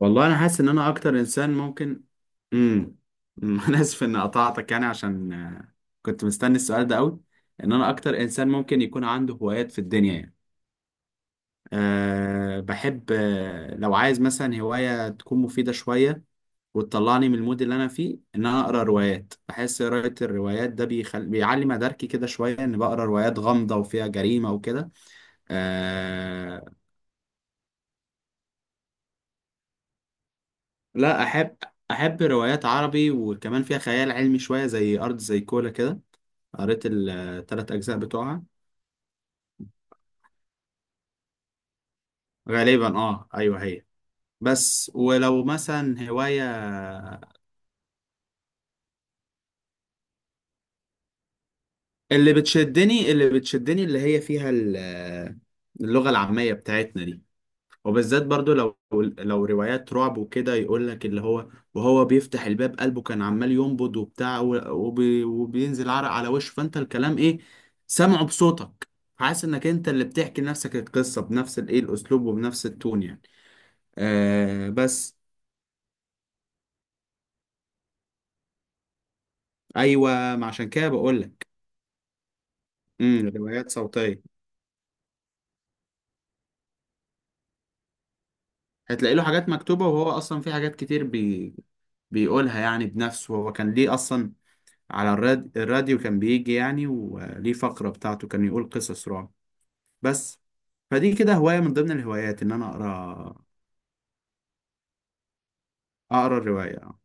والله انا حاسس ان انا اكتر انسان ممكن. امم انا اسف ان قطعتك، يعني عشان كنت مستني السؤال ده قوي. ان انا اكتر انسان ممكن يكون عنده هوايات في الدنيا يعني. بحب لو عايز مثلا هواية تكون مفيدة شوية وتطلعني من المود اللي انا فيه، ان انا اقرا روايات. بحس قراءة الروايات ده بيعلي مداركي كده شوية، ان بقرا روايات غامضة وفيها جريمة وكده. آه، لا، احب روايات عربي وكمان فيها خيال علمي شويه، زي ارض زي كولا كده. قريت الثلاث اجزاء بتوعها. غالبا، ايوه هي. بس ولو مثلا هوايه. اللي بتشدني اللي هي فيها اللغه العاميه بتاعتنا دي. وبالذات برضو، لو روايات رعب وكده يقول لك اللي هو، وهو بيفتح الباب قلبه كان عمال ينبض وبتاع وبينزل عرق على وشه، فانت الكلام ايه، سامعه بصوتك. حاسس انك انت اللي بتحكي لنفسك القصة بنفس الاسلوب وبنفس التون يعني. بس. ايوه ما عشان كده بقول لك. روايات صوتية. هتلاقي له حاجات مكتوبة، وهو اصلا في حاجات كتير بيقولها يعني بنفسه. هو كان ليه اصلا على الراديو. كان بيجي يعني وليه فقرة بتاعته كان يقول قصص رعب. بس. فدي كده هواية من ضمن الهوايات، إن أنا أقرأ. أقرأ الرواية. أه،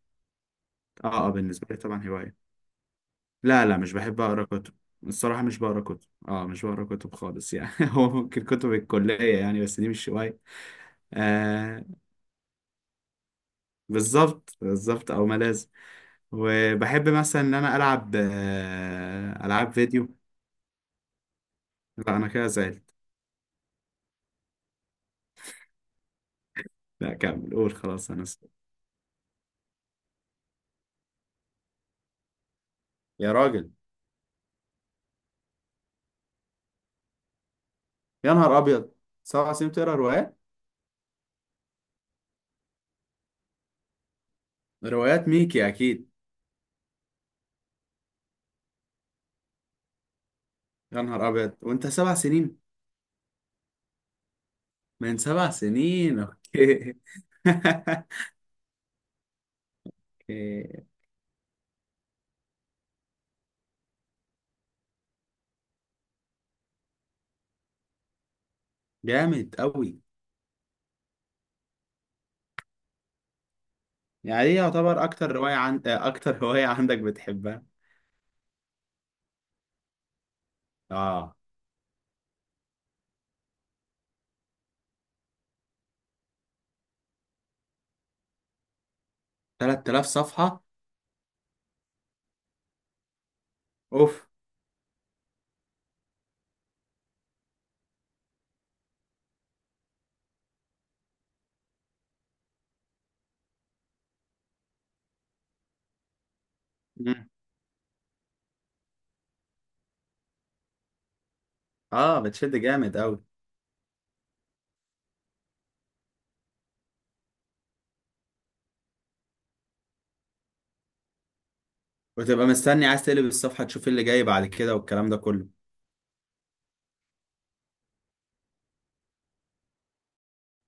أه، بالنسبة لي طبعا هواية. لا، لا، مش بحب أقرأ كتب. الصراحة مش بقرأ كتب، مش بقرأ كتب خالص يعني. هو ممكن كتب الكلية يعني، بس دي مش هواية. آه بالظبط بالظبط، أو ما لازم. وبحب مثلا إن أنا ألعب ألعاب فيديو. لا، أنا كده زعلت. لا كمل قول. خلاص أنا يا راجل! يا نهار ابيض! سبع سنين بتقرا روايات؟ روايات ميكي اكيد. يا نهار ابيض! وانت 7 سنين؟ من 7 سنين؟ اوكي. أوكي. جامد قوي. يعني ايه يعتبر اكتر رواية عن... آه، اكتر رواية عندك بتحبها؟ اه. 3000 صفحة. اوف. مم. اه. بتشد جامد قوي. وتبقى مستني عايز تقلب الصفحة، تشوف إيه اللي جاي بعد كده والكلام ده كله.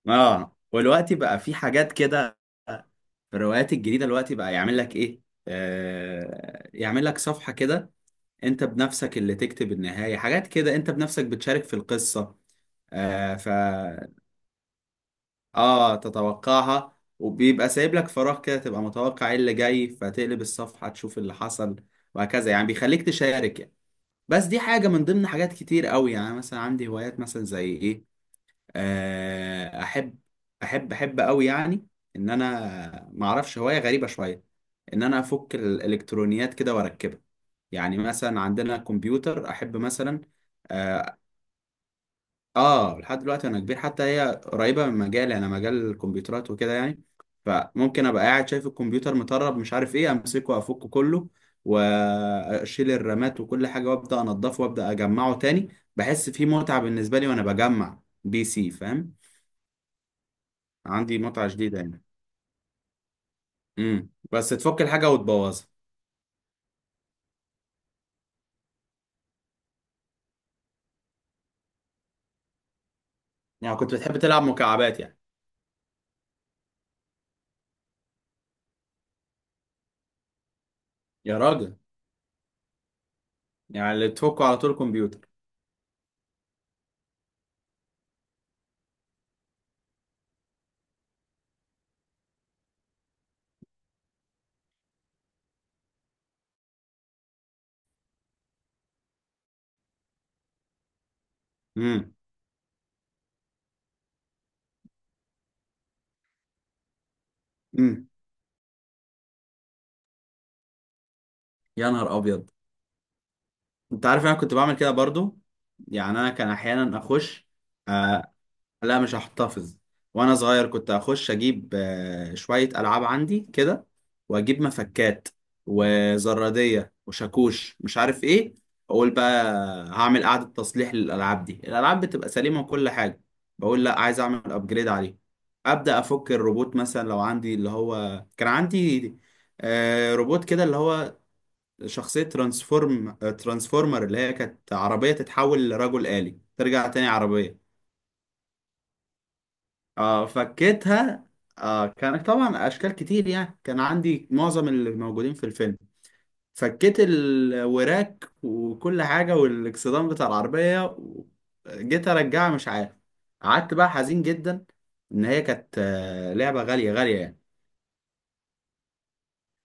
اه. والوقت بقى في حاجات كده، في الروايات الجديدة دلوقتي بقى يعمل لك ايه؟ يعمل لك صفحة كده، انت بنفسك اللي تكتب النهاية. حاجات كده، انت بنفسك بتشارك في القصة. آه ف اه تتوقعها، وبيبقى سايب لك فراغ كده تبقى متوقع ايه اللي جاي، فتقلب الصفحة تشوف اللي حصل. وهكذا يعني، بيخليك تشارك يعني. بس دي حاجة من ضمن حاجات كتير قوي يعني. مثلا عندي هوايات، مثلا زي ايه؟ احب، احب، احب قوي يعني، ان انا ما اعرفش، هوايه غريبه شويه، ان انا افك الالكترونيات كده واركبها. يعني مثلا عندنا كمبيوتر، احب مثلا. اه. لحد دلوقتي انا كبير، حتى هي قريبه من مجالي، انا مجال الكمبيوترات وكده يعني. فممكن ابقى قاعد شايف الكمبيوتر مطرب مش عارف ايه، امسكه افكه كله، واشيل الرامات وكل حاجه، وابدا انضفه، وابدا اجمعه تاني. بحس فيه متعه بالنسبه لي وانا بجمع PC، فاهم. عندي متعة جديدة يعني. بس تفك الحاجة وتبوظها؟ يعني كنت بتحب تلعب مكعبات يعني؟ يا راجل! يعني اللي تفكه على طول الكمبيوتر. امم امم يا نهار ابيض! انت عارف انا كنت بعمل كده برضو. يعني انا كان احيانا اخش. آه، لا مش هحتفظ. وانا صغير كنت اخش، اجيب شوية العاب عندي كده، واجيب مفكات وزرادية وشاكوش مش عارف ايه. اقول بقى هعمل قعدة تصليح للالعاب. دي الالعاب بتبقى سليمة وكل حاجة، بقول لا، عايز اعمل ابجريد عليه. ابدا افك الروبوت، مثلا لو عندي اللي هو. كان عندي روبوت كده اللي هو شخصية ترانسفورمر، اللي هي كانت عربية تتحول لرجل آلي ترجع تاني عربية. اه فكيتها. كانت طبعا اشكال كتير يعني، كان عندي معظم اللي موجودين في الفيلم. فكيت الوراك وكل حاجه والاكسدام بتاع العربيه جيت ارجعها مش عارف. قعدت بقى حزين جدا، ان هي كانت لعبه غاليه غاليه يعني.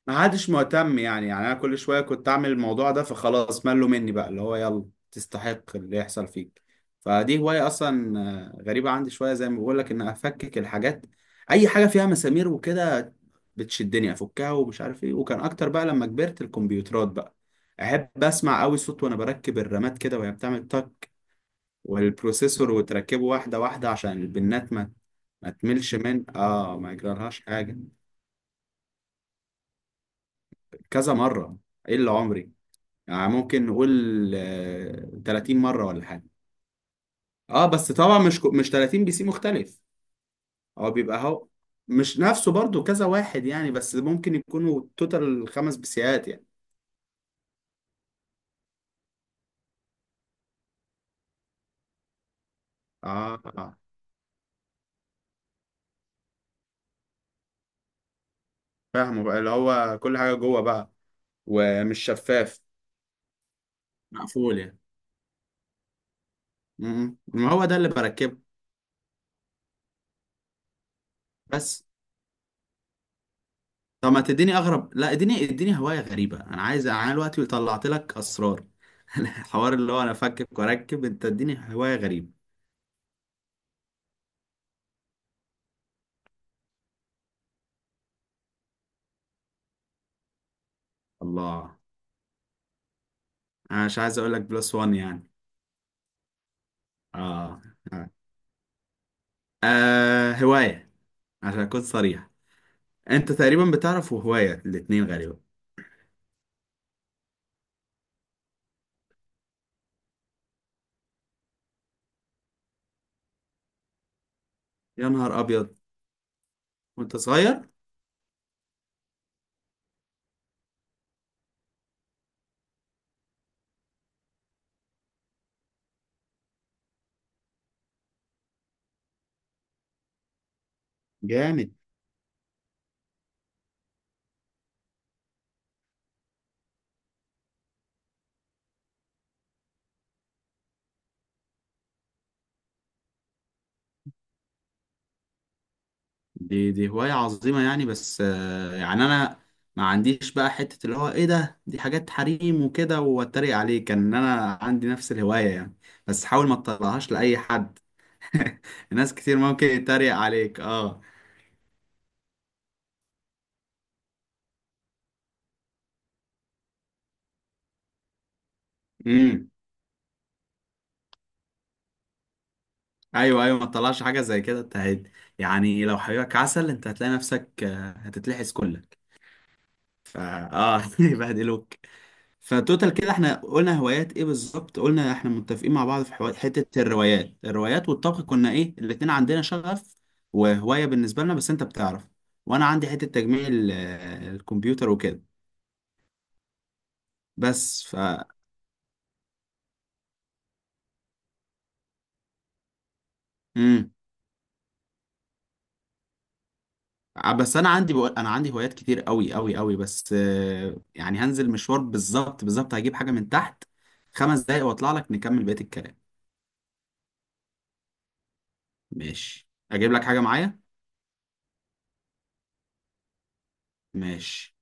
ما عادش مهتم يعني، انا كل شويه كنت اعمل الموضوع ده، فخلاص ملوا مني بقى اللي هو. يلا، تستحق اللي يحصل فيك. فدي هوايه اصلا. غريبه عندي شويه، زي ما بقول لك، ان افكك الحاجات. اي حاجه فيها مسامير وكده بتشدني افكها ومش عارف ايه. وكان اكتر بقى لما كبرت الكمبيوترات بقى، احب اسمع قوي صوت وانا بركب الرامات كده وهي بتعمل تك، والبروسيسور وتركبه واحده واحده، عشان البنات ما تملش من ما يجرالهاش حاجه. كذا مره. ايه اللي عمري؟ يعني ممكن نقول 30 مرة ولا حاجة. اه بس طبعا مش مش 30 PC مختلف. هو بيبقى هو، مش نفسه برضو. كذا واحد يعني، بس ممكن يكونوا توتال 5 بيسيات يعني. اه. فاهمه بقى اللي هو كل حاجة جوه بقى، ومش شفاف. مقفول يعني؟ م- م. ما هو ده اللي بركبه. بس طب ما تديني اغرب. لا، اديني هواية غريبة. انا عايز. انا دلوقتي طلعت لك اسرار. الحوار اللي هو انا افكك واركب. انت اديني هواية غريبة. الله! انا مش عايز اقول لك بلس وان يعني. اه. هواية، عشان اكون صريح. انت تقريبا بتعرف وهواية الاتنين غالبا. يا نهار ابيض! وانت صغير؟ جامد! دي هواية عظيمة يعني. بس يعني انا ما عنديش بقى حتة اللي هو ايه ده، دي حاجات حريم وكده واتريق عليه، كان ان انا عندي نفس الهواية يعني. بس حاول ما تطلعهاش لأي حد. ناس كتير ممكن يتريق عليك. اه. امم ايوه، ايوه، ما تطلعش حاجه زي كده. انت يعني لو حبيبك عسل انت هتلاقي نفسك هتتلحس كلك. فا اه يبهدلوك. فتوتال كده، احنا قلنا هوايات ايه بالظبط؟ قلنا احنا متفقين مع بعض في حته الروايات والطبخ. كنا ايه، الاتنين عندنا شغف وهوايه بالنسبه لنا. بس انت بتعرف، وانا عندي حته تجميع الكمبيوتر وكده. بس مم. بس انا عندي، بقول انا عندي هوايات كتير قوي قوي قوي. بس يعني هنزل مشوار. بالظبط بالظبط، هجيب حاجه من تحت. 5 دقايق واطلع لك نكمل بقيه الكلام. ماشي. اجيب لك حاجه معايا. ماشي.